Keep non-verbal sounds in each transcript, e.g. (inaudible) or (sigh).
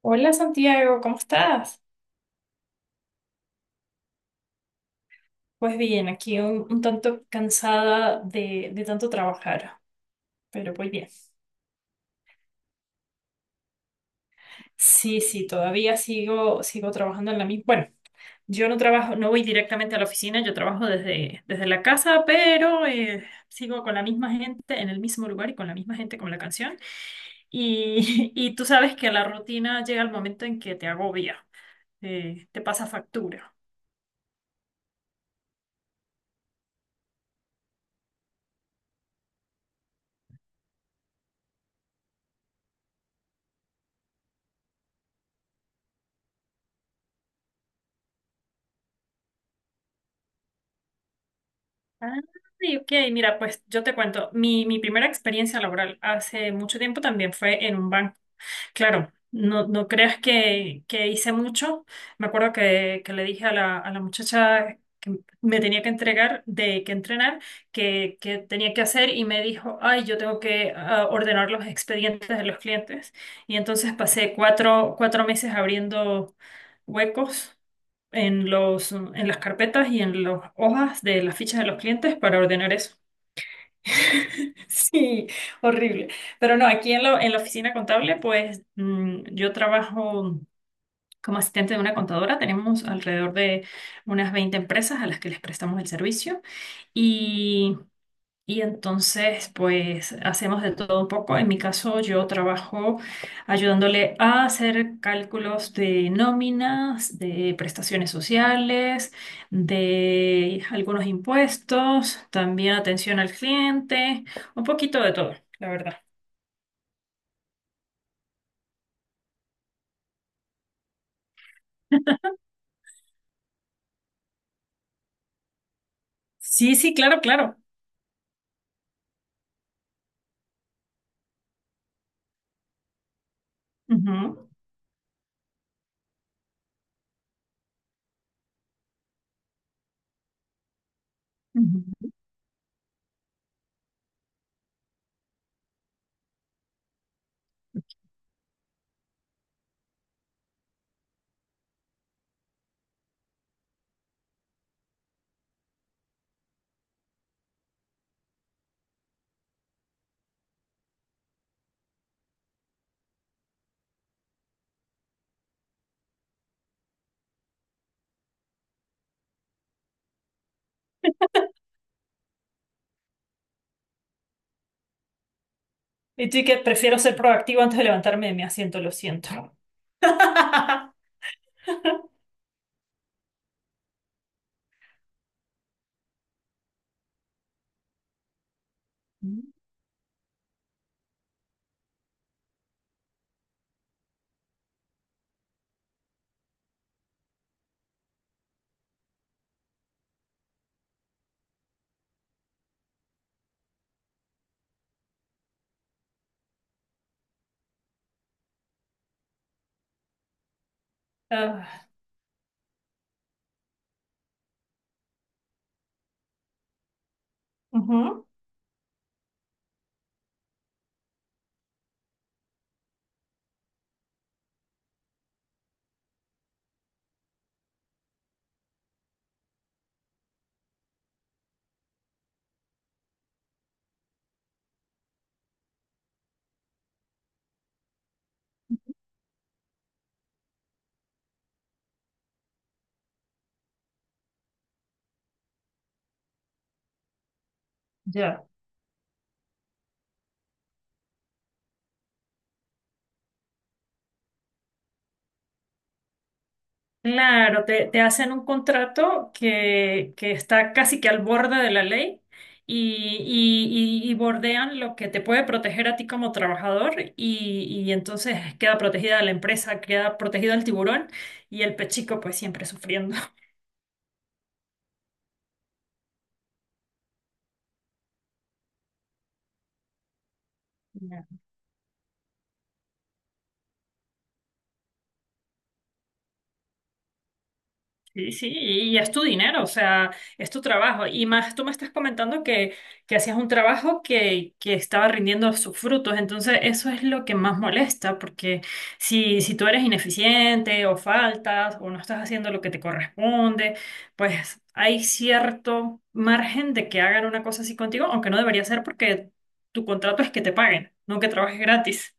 Hola Santiago, ¿cómo estás? Pues bien, aquí un tanto cansada de tanto trabajar, pero pues bien. Sí, sí, todavía sigo, sigo trabajando en la misma. Bueno, yo no trabajo, no voy directamente a la oficina, yo trabajo desde la casa, pero sigo con la misma gente en el mismo lugar y con la misma gente con la canción. (laughs) Y tú sabes que la rutina llega al momento en que te agobia, te pasa factura. Ah, ok, mira, pues yo te cuento, mi primera experiencia laboral hace mucho tiempo también fue en un banco. Claro, no, no creas que hice mucho. Me acuerdo que le dije a la muchacha que me tenía que entregar, de que entrenar, que tenía que hacer y me dijo, ay, yo tengo que ordenar los expedientes de los clientes. Y entonces pasé cuatro meses abriendo huecos en en las carpetas y en las hojas de las fichas de los clientes para ordenar eso. (laughs) Sí, horrible. Pero no, aquí en, lo en la oficina contable, pues yo trabajo como asistente de una contadora. Tenemos alrededor de unas 20 empresas a las que les prestamos el servicio. Y entonces, pues hacemos de todo un poco. En mi caso, yo trabajo ayudándole a hacer cálculos de nóminas, de prestaciones sociales, de algunos impuestos, también atención al cliente, un poquito de todo, la verdad. Sí, sí, claro, claro. Ujú, ujú. Y tú y que prefiero ser proactivo antes de levantarme de mi asiento, lo siento. (laughs) Ah, ujú. Ya. Claro, te hacen un contrato que está casi que al borde de la ley y, y bordean lo que te puede proteger a ti como trabajador y entonces queda protegida la empresa, queda protegido el tiburón y el pechico pues siempre sufriendo. (laughs) Sí, sí, y es tu dinero, o sea, es tu trabajo. Y más, tú me estás comentando que hacías un trabajo que estaba rindiendo sus frutos, entonces eso es lo que más molesta, porque si, si tú eres ineficiente o faltas o no estás haciendo lo que te corresponde, pues hay cierto margen de que hagan una cosa así contigo, aunque no debería ser porque tu contrato es que te paguen, no que trabajes gratis.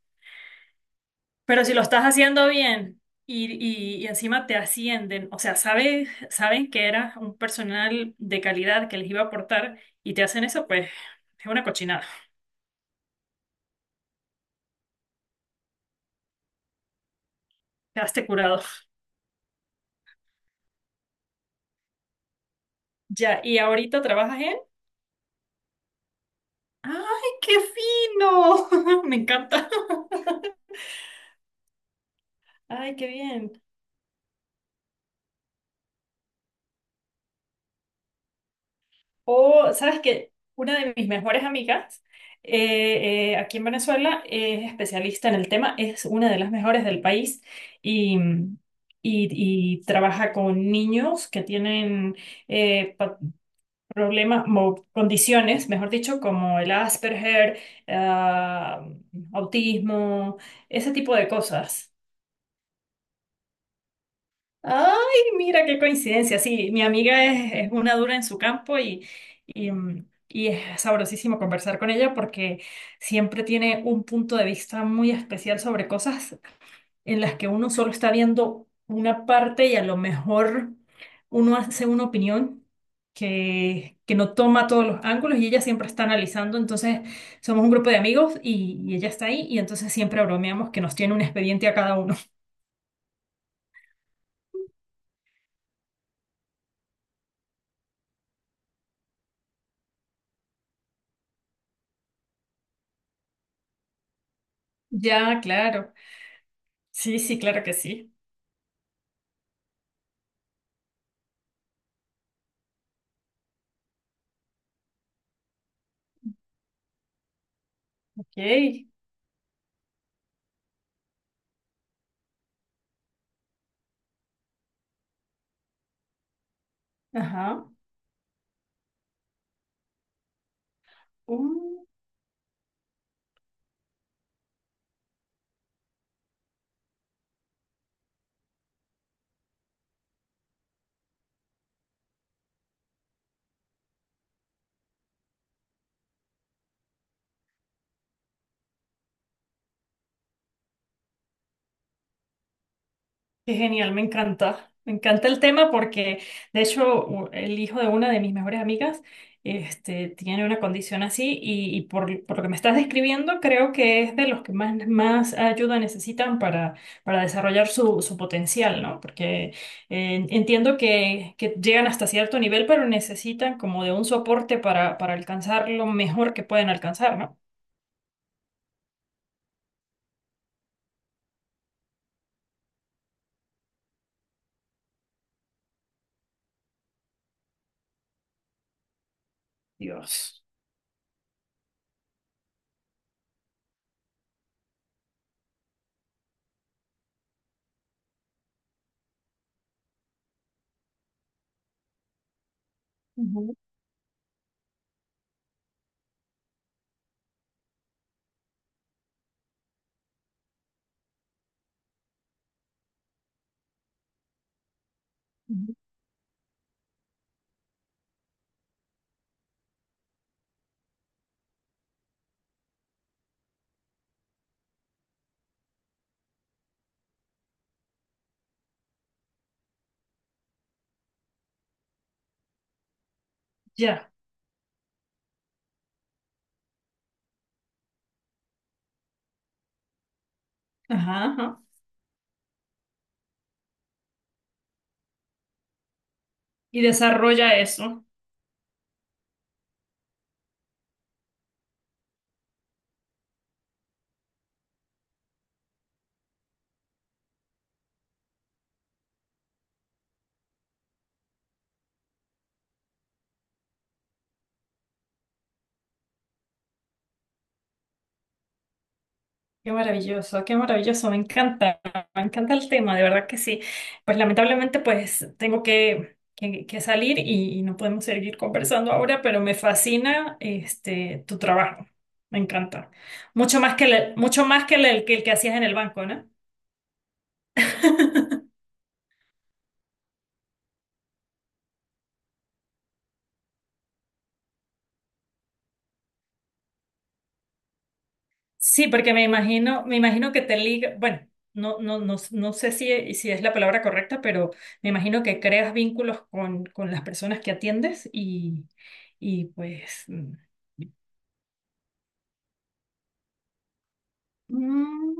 Pero si lo estás haciendo bien y, encima te ascienden, o sea, sabe- saben que eras un personal de calidad que les iba a aportar y te hacen eso, pues es una cochinada. Quedaste curado. Ya, y ahorita trabajas en... ¡Ay, qué fino! (laughs) Me encanta. (laughs) ¡Ay, qué bien! O, ¿sabes qué? Una de mis mejores amigas aquí en Venezuela es especialista en el tema, es una de las mejores del país y, y, y trabaja con niños que tienen eh, pa- problemas o condiciones, mejor dicho, como el Asperger, ah, autismo, ese tipo de cosas. Ay, mira qué coincidencia. Sí, mi amiga es una dura en su campo y, y es sabrosísimo conversar con ella porque siempre tiene un punto de vista muy especial sobre cosas en las que uno solo está viendo una parte y a lo mejor uno hace una opinión que, no toma todos los ángulos y ella siempre está analizando. Entonces, somos un grupo de amigos y ella está ahí y entonces siempre bromeamos que nos tiene un expediente a cada uno. (laughs) Ya, claro. Sí, sí, claro que sí. Ok, ajá. Uh, qué genial, me encanta. Me encanta el tema porque, de hecho, u- el hijo de una de mis mejores amigas, este, tiene una condición así y por lo que me estás describiendo, creo que es de los que más, más ayuda necesitan para desarrollar su, su potencial, ¿no? Porque entiendo que llegan hasta cierto nivel, pero necesitan como de un soporte para alcanzar lo mejor que pueden alcanzar, ¿no? Dios. Ujú, ujú. Ya. Ajá, ajá. Y desarrolla eso. Qué maravilloso, me encanta el tema, de verdad que sí. Pues lamentablemente pues tengo que, que salir y no podemos seguir conversando ahora, pero me fascina este tu trabajo, me encanta. Mucho más que el, mucho más que el, que el que hacías en el banco, ¿no? (laughs) Sí, porque me imagino que te liga, bueno, no, no, no, no sé si, si es la palabra correcta, pero me imagino que creas vínculos con las personas que atiendes y pues mm,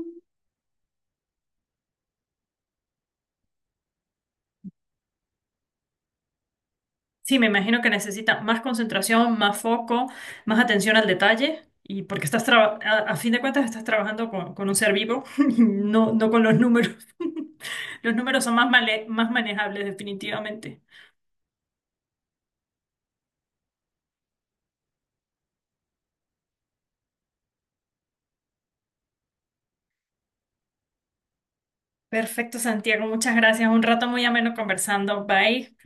sí, me imagino que necesita más concentración, más foco, más atención al detalle. Y porque estás traba- a fin de cuentas estás trabajando con un ser vivo, (laughs) no, no con los números. (laughs) Los números son más, male- más manejables definitivamente. Perfecto, Santiago. Muchas gracias. Un rato muy ameno conversando. Bye.